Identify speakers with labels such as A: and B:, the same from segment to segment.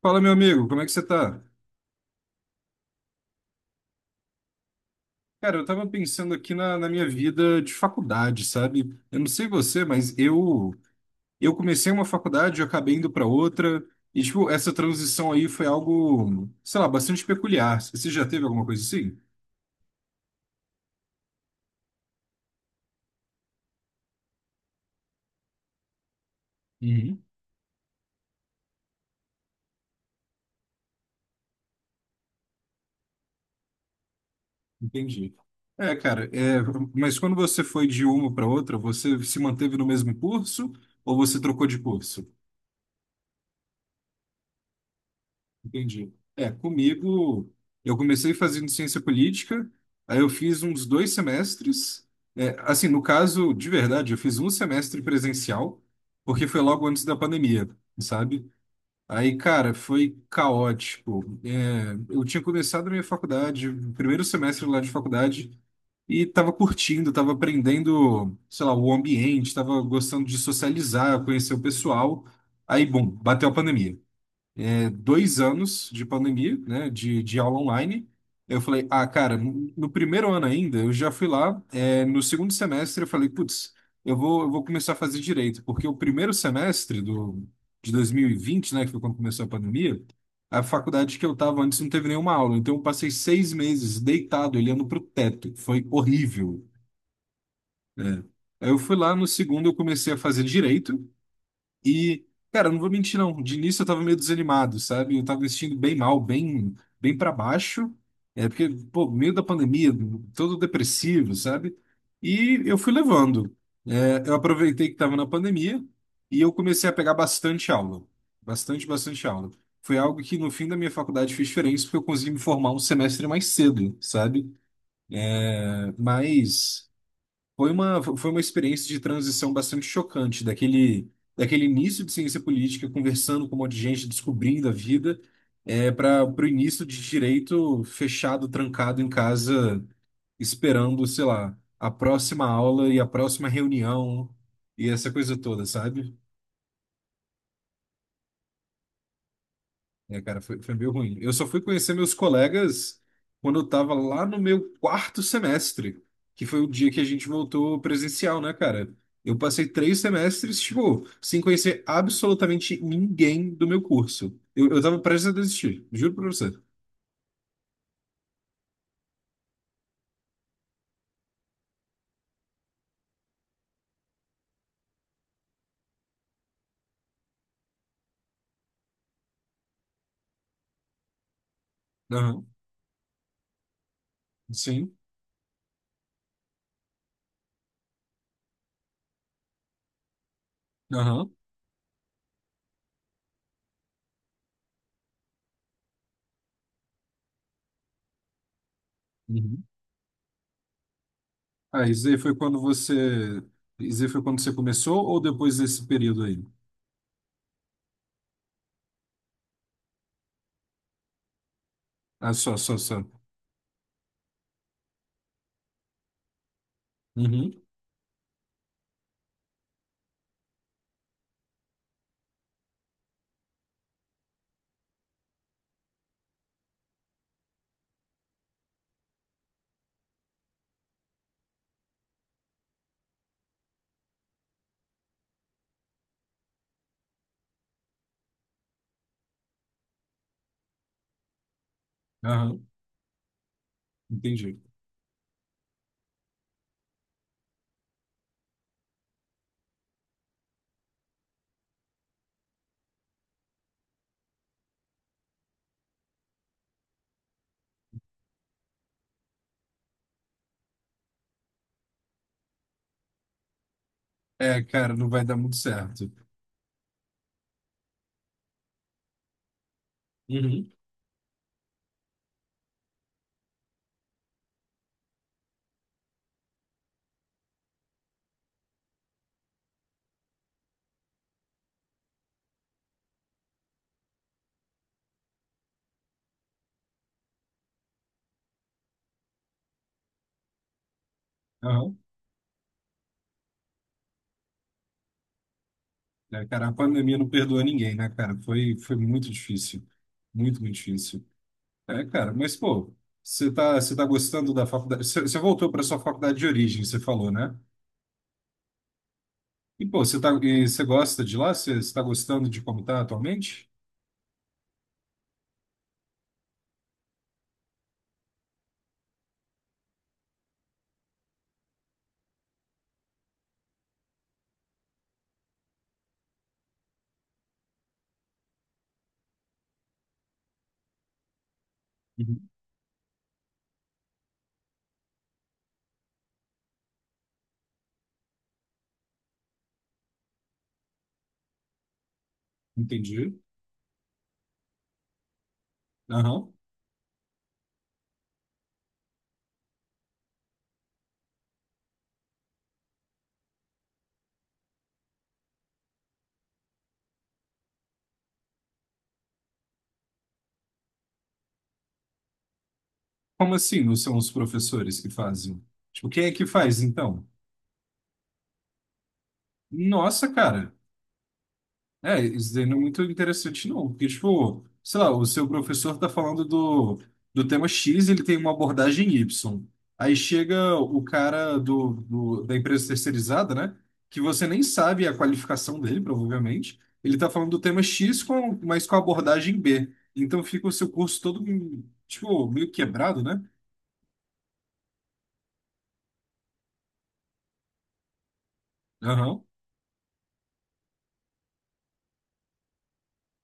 A: Fala, meu amigo, como é que você tá? Cara, eu tava pensando aqui na minha vida de faculdade, sabe? Eu não sei você, mas eu comecei uma faculdade, eu acabei indo pra outra, e tipo, essa transição aí foi algo, sei lá, bastante peculiar. Você já teve alguma coisa assim? Uhum, entendi. É, cara, é, mas quando você foi de uma para outra, você se manteve no mesmo curso ou você trocou de curso? Entendi. É, comigo, eu comecei fazendo ciência política, aí eu fiz uns 2 semestres. É, assim, no caso, de verdade, eu fiz um semestre presencial, porque foi logo antes da pandemia, sabe? Aí, cara, foi caótico. É, eu tinha começado a minha faculdade, o primeiro semestre lá de faculdade, e tava curtindo, tava aprendendo, sei lá, o ambiente, tava gostando de socializar, conhecer o pessoal. Aí, bom, bateu a pandemia, 2 anos de pandemia, né, de aula online. Eu falei, ah, cara, no primeiro ano ainda, eu já fui lá, é, no segundo semestre eu falei, putz, eu vou começar a fazer direito, porque o primeiro semestre de 2020, né, que foi quando começou a pandemia, a faculdade que eu estava antes não teve nenhuma aula, então eu passei 6 meses deitado, olhando para o teto, foi horrível, né? Aí eu fui lá, no segundo eu comecei a fazer direito, e, cara, eu não vou mentir, não. De início eu tava meio desanimado, sabe? Eu tava vestindo bem mal, bem para baixo. É porque, pô, meio da pandemia, todo depressivo, sabe? E eu fui levando. É, eu aproveitei que tava na pandemia e eu comecei a pegar bastante aula. Bastante, bastante aula. Foi algo que no fim da minha faculdade fez diferença porque eu consegui me formar um semestre mais cedo, sabe? É, mas, foi uma experiência de transição bastante chocante, daquele início de ciência política, conversando com um monte de gente, descobrindo a vida, é, para o início de direito fechado, trancado em casa, esperando, sei lá, a próxima aula e a próxima reunião e essa coisa toda, sabe? É, cara, foi meio ruim. Eu só fui conhecer meus colegas quando eu tava lá no meu quarto semestre, que foi o dia que a gente voltou presencial, né, cara? Eu passei 3 semestres, tipo, sem conhecer absolutamente ninguém do meu curso. Eu tava prestes a desistir, juro pra você. Aham, sim, aham. Uhum. Ah, isso aí foi quando você. Isso aí foi quando você começou ou depois desse período aí? Ah, só, só, só. Uhum, aham, entendi. É, cara, não vai dar muito certo. Uhum. Aham. É, cara, a pandemia não perdoa ninguém, né, cara? Foi muito difícil. Muito, muito difícil. É, cara, mas, pô, você tá gostando da faculdade? Você voltou para sua faculdade de origem, você falou, né? E, pô, você tá, e você gosta de lá? Você tá gostando de como tá atualmente? Uhum. Entendi. Aham. Como assim não são os professores que fazem? Tipo, quem é que faz, então? Nossa, cara. É, isso daí não é muito interessante, não. Porque, tipo, sei lá, o seu professor tá falando do tema X, ele tem uma abordagem Y. Aí chega o cara da empresa terceirizada, né? Que você nem sabe a qualificação dele, provavelmente. Ele tá falando do tema X, com, mas com a abordagem B. Então fica o seu curso todo, tipo, meio quebrado, né? Aham.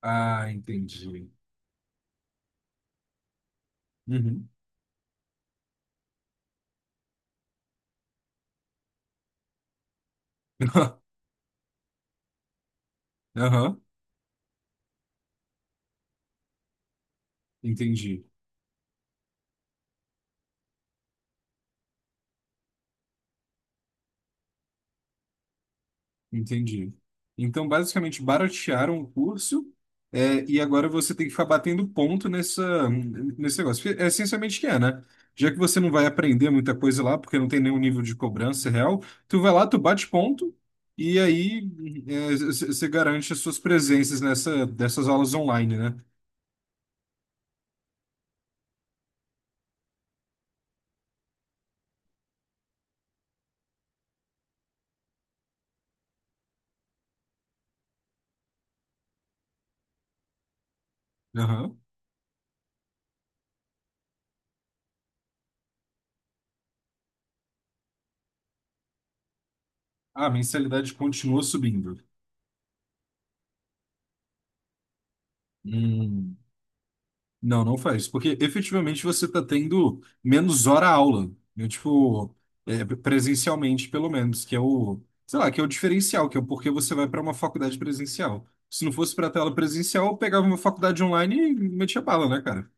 A: Ah, entendi. Uhum. Aham, entendi. Entendi. Então, basicamente, baratearam o curso, é, e agora você tem que ficar batendo ponto nessa, nesse negócio. Porque é essencialmente que é, né? Já que você não vai aprender muita coisa lá, porque não tem nenhum nível de cobrança real, tu vai lá, tu bate ponto, e aí é, você garante as suas presenças nessa, dessas aulas online, né? Aham. Ah, a mensalidade continua subindo. Hum. Não, não faz, porque efetivamente você está tendo menos hora aula, né? Tipo, é, presencialmente pelo menos, que é o, sei lá, que é o diferencial, que é o porquê você vai para uma faculdade presencial. Se não fosse para a tela presencial, eu pegava uma faculdade online e metia bala, né, cara?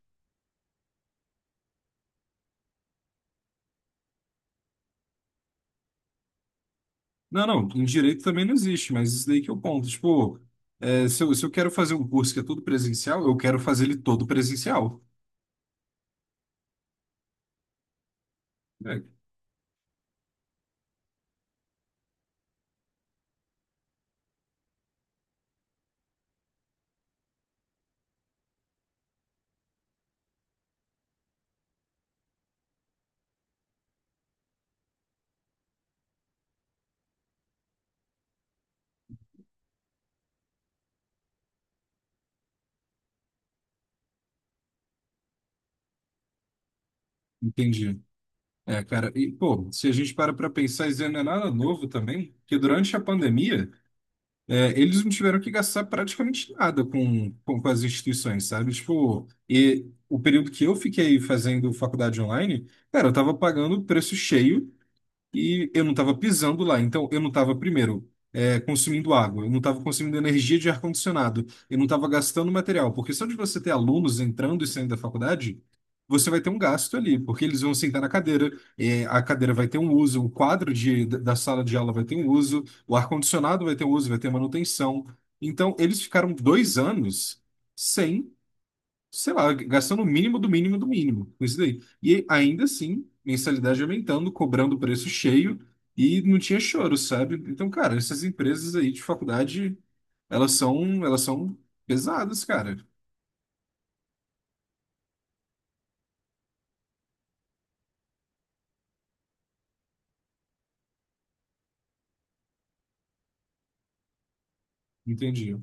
A: Não, não, em direito também não existe, mas isso daí que é o ponto. Tipo, é, se eu quero fazer um curso que é todo presencial, eu quero fazer ele todo presencial. É, entendi. É, cara, e pô, se a gente para pensar, isso não é nada novo também, que durante a pandemia é, eles não tiveram que gastar praticamente nada com as instituições, sabe? Tipo, e o período que eu fiquei fazendo faculdade online, cara, eu tava pagando o preço cheio e eu não estava pisando lá, então eu não estava, primeiro, é, consumindo água, eu não estava consumindo energia de ar-condicionado, eu não estava gastando material, porque só de você ter alunos entrando e saindo da faculdade, você vai ter um gasto ali, porque eles vão sentar na cadeira, é, a cadeira vai ter um uso, o quadro de, da sala de aula vai ter um uso, o ar-condicionado vai ter um uso, vai ter manutenção. Então, eles ficaram 2 anos sem, sei lá, gastando o mínimo do mínimo do mínimo com isso daí. E ainda assim, mensalidade aumentando, cobrando o preço cheio e não tinha choro, sabe? Então, cara, essas empresas aí de faculdade, elas são pesadas, cara. Entendi,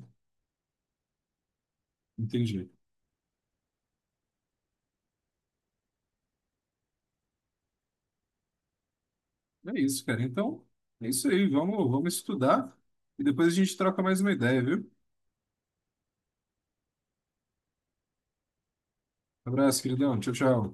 A: entendi. É isso, cara. Então, é isso aí. Vamos, vamos estudar e depois a gente troca mais uma ideia, viu? Abraço, queridão. Tchau, tchau.